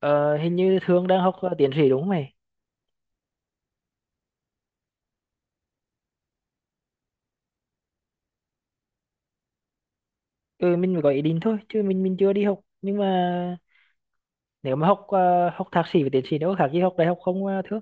Ờ, Hình như Thương đang học tiến sĩ đúng không mày? Ừ, mình mới có ý định thôi, chứ mình chưa đi học. Nhưng mà nếu mà học học thạc sĩ và tiến sĩ đâu có khác gì học đại học không Thương?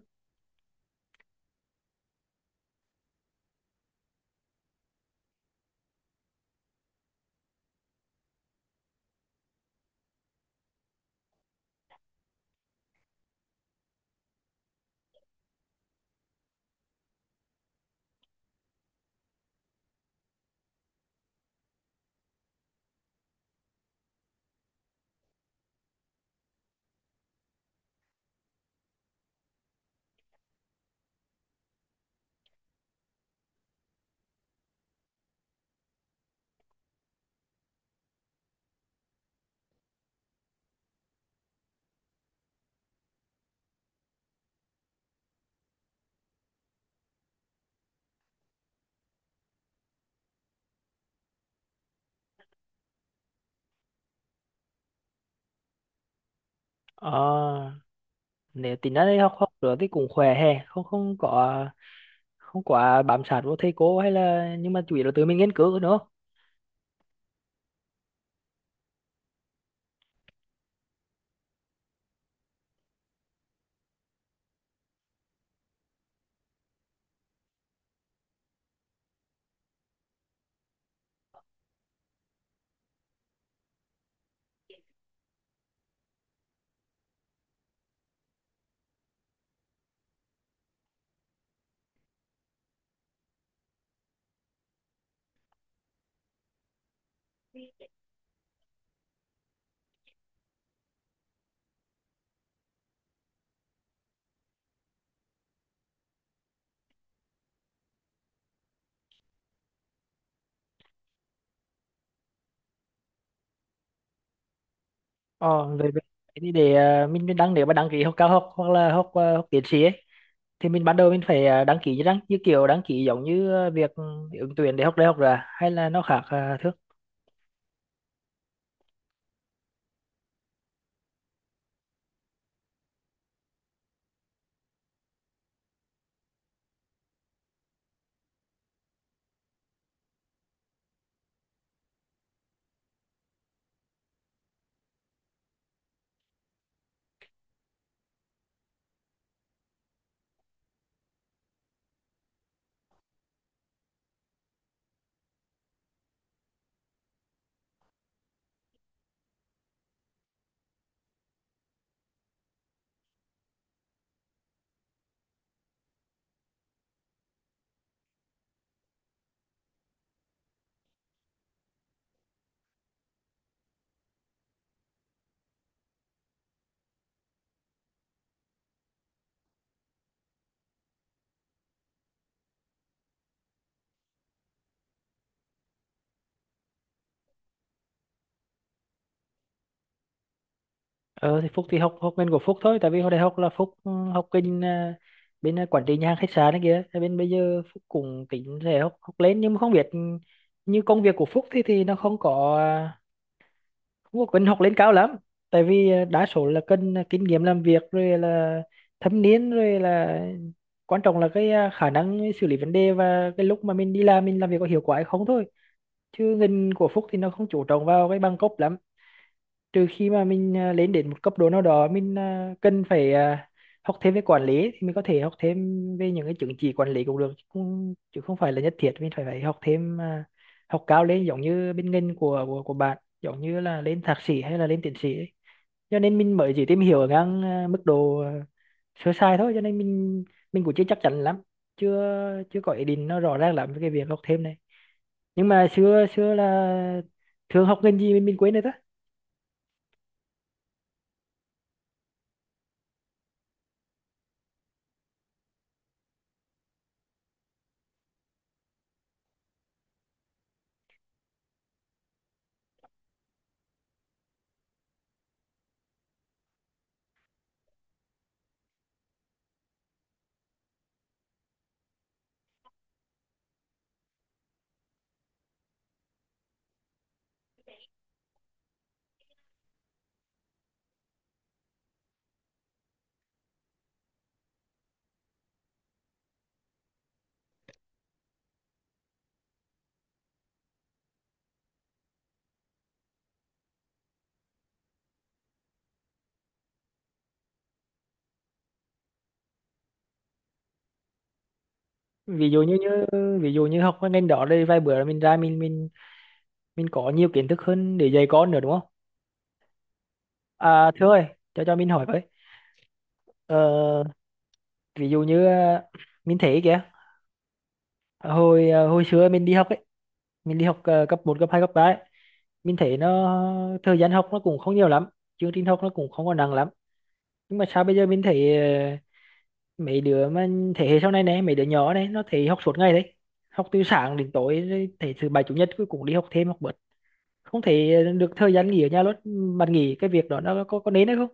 Ờ, nếu tính ra đây học học nữa thì cũng khỏe hè, không không có không quá bám sát vô thầy cô hay là, nhưng mà chủ yếu là tự mình nghiên cứu nữa. Ờ, về về thì để mình đăng, nếu mà đăng ký học cao học hoặc là học học tiến sĩ ấy, thì mình ban đầu mình phải đăng ký như đăng, như kiểu đăng ký giống như việc ứng tuyển để học đại học rồi à? Hay là nó khác Thương? Ờ thì Phúc thì học học ngành của Phúc thôi, tại vì hồi đại học là Phúc học kinh bên quản trị nhà hàng khách sạn ấy kìa. Thế bên bây giờ Phúc cũng tính sẽ học học lên, nhưng mà không biết như công việc của Phúc thì nó không có không có cần học lên cao lắm. Tại vì đa số là cần kinh nghiệm làm việc, rồi là thâm niên, rồi là quan trọng là cái khả năng xử lý vấn đề và cái lúc mà mình đi làm mình làm việc có hiệu quả hay không thôi, chứ ngành của Phúc thì nó không chú trọng vào cái bằng cấp lắm. Trừ khi mà mình lên đến một cấp độ nào đó mình cần phải học thêm về quản lý, thì mình có thể học thêm về những cái chứng chỉ quản lý cũng được, chứ không phải là nhất thiết mình phải phải học thêm học cao lên giống như bên ngành của của bạn, giống như là lên thạc sĩ hay là lên tiến sĩ ấy. Cho nên mình mới chỉ tìm hiểu ở ngang mức độ sơ sài thôi, cho nên mình cũng chưa chắc chắn lắm, chưa chưa có ý định nó rõ ràng lắm với cái việc học thêm này. Nhưng mà xưa xưa là thường học ngành gì mình quên rồi đó. Ví dụ như, ví dụ như học cái ngành đó đây vài bữa mình ra mình mình có nhiều kiến thức hơn để dạy con nữa đúng không? À, Thưa ơi, cho mình hỏi với. Ờ, ví dụ như mình thấy kìa, hồi hồi xưa mình đi học ấy, mình đi học cấp một cấp 2 cấp 3 ấy, mình thấy nó thời gian học nó cũng không nhiều lắm, chương trình học nó cũng không có nặng lắm. Nhưng mà sao bây giờ mình thấy ờ, mấy đứa mà thế hệ sau này này, mấy đứa nhỏ này nó thấy học suốt ngày đấy, học từ sáng đến tối, rồi thấy thứ bảy chủ nhật cuối cùng đi học thêm học bữa, không thể được thời gian nghỉ ở nhà luôn. Bạn nghĩ cái việc đó nó có nên hay không?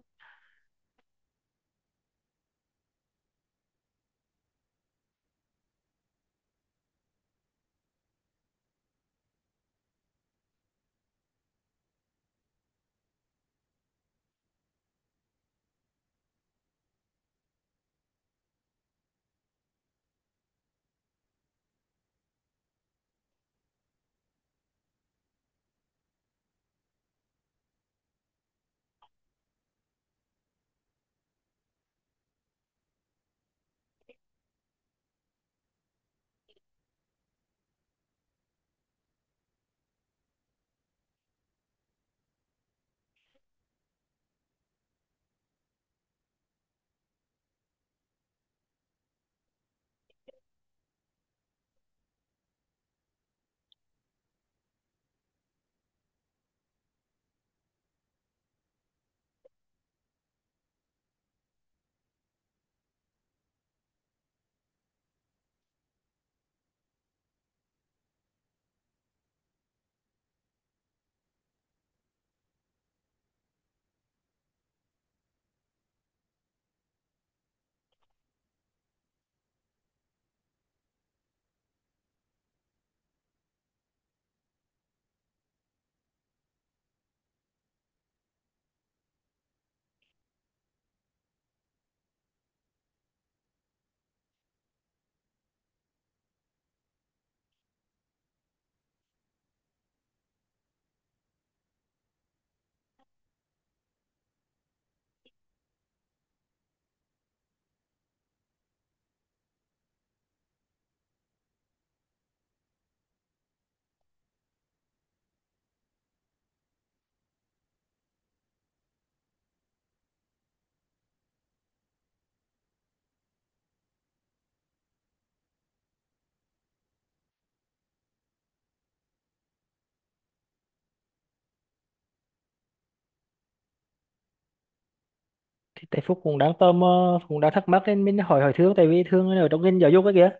Thì tại Phúc cũng đang tò mò cũng đang thắc mắc nên mình hỏi, hỏi Thương, tại vì Thương ở trong ngành giáo dục ấy kìa.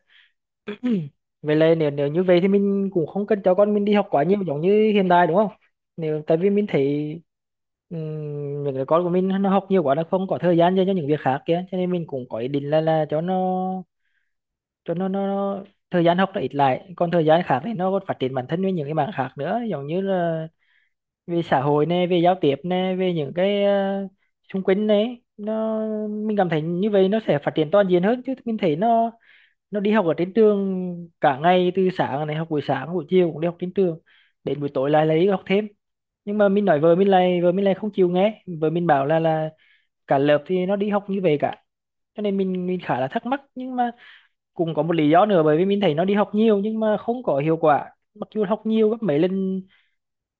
Vậy là nếu nếu như vậy thì mình cũng không cần cho con mình đi học quá nhiều giống như hiện tại đúng không? Nếu tại vì mình thấy những đứa con của mình nó học nhiều quá, nó không có thời gian dành cho những việc khác kia, cho nên mình cũng có ý định là cho nó, cho nó thời gian học nó ít lại, còn thời gian khác thì nó còn phát triển bản thân với những cái mảng khác nữa, giống như là về xã hội nè, về giao tiếp nè, về những cái xung quanh đấy. Nó, mình cảm thấy như vậy nó sẽ phát triển toàn diện hơn, chứ mình thấy nó đi học ở trên trường cả ngày, từ sáng này học buổi sáng buổi chiều cũng đi học trên trường, đến buổi tối lại lại đi học thêm. Nhưng mà mình nói vợ mình, lại vợ mình lại không chịu nghe, vợ mình bảo là cả lớp thì nó đi học như vậy cả, cho nên mình khá là thắc mắc. Nhưng mà cũng có một lý do nữa, bởi vì mình thấy nó đi học nhiều nhưng mà không có hiệu quả, mặc dù học nhiều gấp mấy lần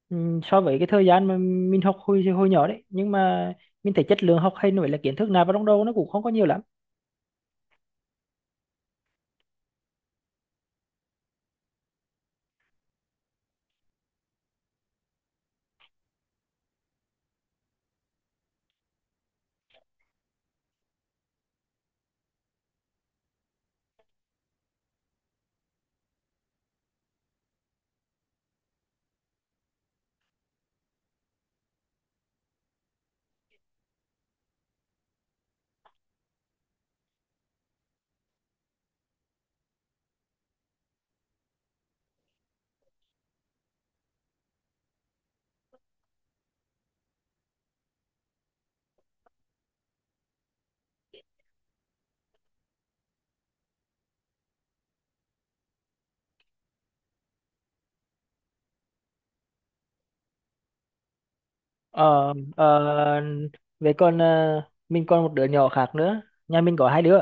so với cái thời gian mà mình học hồi hồi nhỏ đấy, nhưng mà mình thấy chất lượng học hay nữa là kiến thức nạp vào trong đầu nó cũng không có nhiều lắm. ờ ờ, về còn ờ, mình còn một đứa nhỏ khác nữa, nhà mình có hai đứa.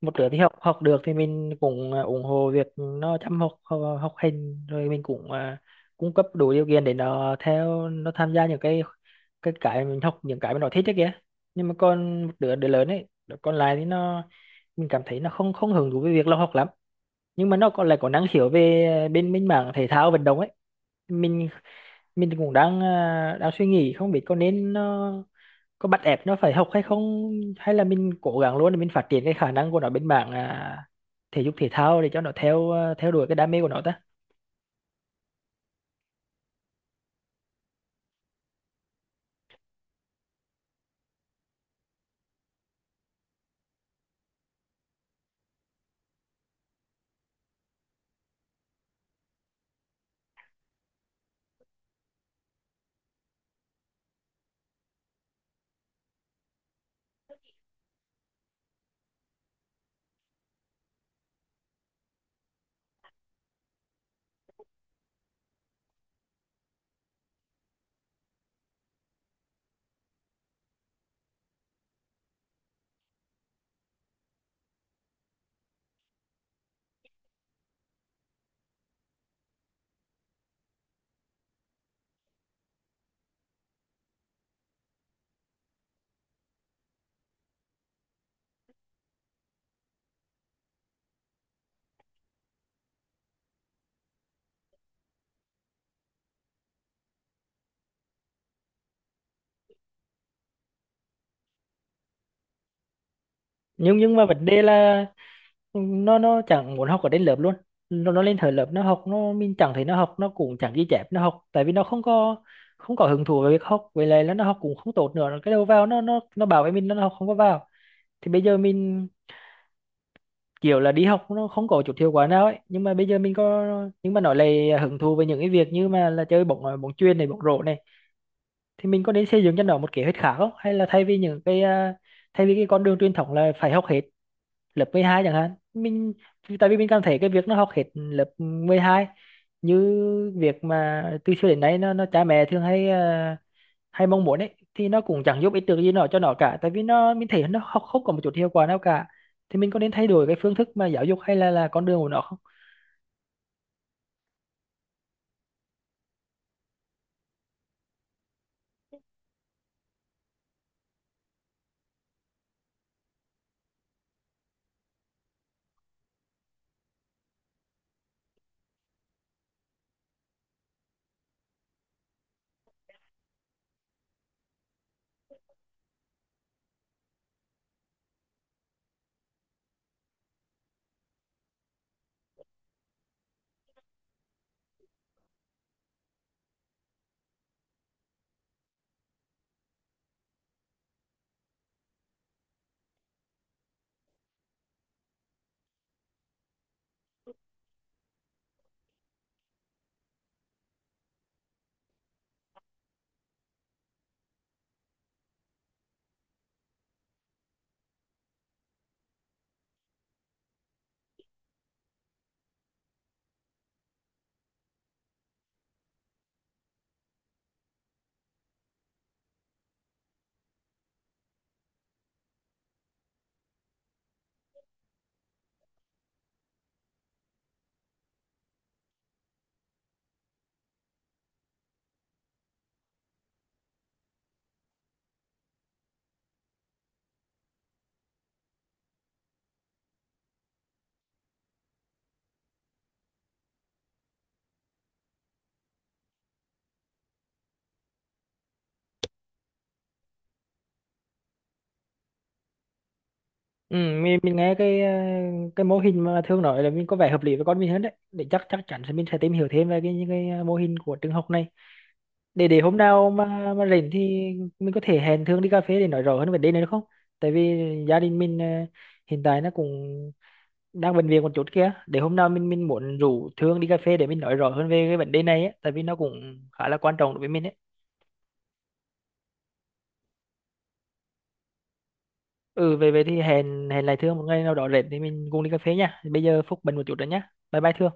Một đứa thì học học được thì mình cũng ủng hộ việc nó chăm học, học, học hành, rồi mình cũng cung cấp đủ điều kiện để nó theo, nó tham gia những cái, cái mình học, những cái mà nó thích đấy kìa. Nhưng mà còn một đứa, đứa lớn ấy, đứa còn lại thì nó, mình cảm thấy nó không không hứng thú với việc nó học lắm, nhưng mà nó còn lại có năng khiếu về bên bên mảng thể thao vận động ấy. mình mình cũng đang đang suy nghĩ không biết có nên nó có bắt ép nó phải học hay không, hay là mình cố gắng luôn để mình phát triển cái khả năng của nó bên mảng thể dục thể thao, để cho nó theo theo đuổi cái đam mê của nó ta. Nhưng mà vấn đề là nó chẳng muốn học ở trên lớp luôn. Nó lên thời lớp nó học, nó mình chẳng thấy nó học, nó cũng chẳng ghi chép nó học, tại vì nó không có không có hứng thú với việc học, với lại là nó học cũng không tốt nữa, cái đầu vào nó bảo với mình nó học không có vào. Thì bây giờ mình kiểu là đi học nó không có chút hiệu quả nào ấy, nhưng mà bây giờ mình có, nhưng mà nói lại hứng thú với những cái việc như mà là chơi bóng bóng chuyền này, bóng rổ này. Thì mình có nên xây dựng cho nó một kế hoạch khác không, hay là thay vì những cái thay vì cái con đường truyền thống là phải học hết lớp 12 chẳng hạn, mình tại vì mình cảm thấy cái việc nó học hết lớp 12 như việc mà từ xưa đến nay nó cha mẹ thường hay hay mong muốn ấy, thì nó cũng chẳng giúp ích được gì nó cho nó cả, tại vì nó mình thấy nó không, không có một chút hiệu quả nào cả. Thì mình có nên thay đổi cái phương thức mà giáo dục hay là con đường của nó không? Ừ, mình nghe cái cái mô hình mà Thương nói là mình có vẻ hợp lý với con mình hơn đấy, để chắc chắc chắn sẽ mình sẽ tìm hiểu thêm về cái những cái mô hình của trường học này. Để hôm nào mà rảnh thì mình có thể hẹn Thương đi cà phê để nói rõ hơn vấn đề này được không? Tại vì gia đình mình hiện tại nó cũng đang bệnh viện một chút kia, để hôm nào mình muốn rủ Thương đi cà phê để mình nói rõ hơn về cái vấn đề này ấy, tại vì nó cũng khá là quan trọng đối với mình ấy. Ừ về về thì hẹn, hẹn lại Thương một ngày nào đó rảnh thì mình cùng đi cà phê nha. Bây giờ Phúc bận một chút rồi nhá, bye bye Thương.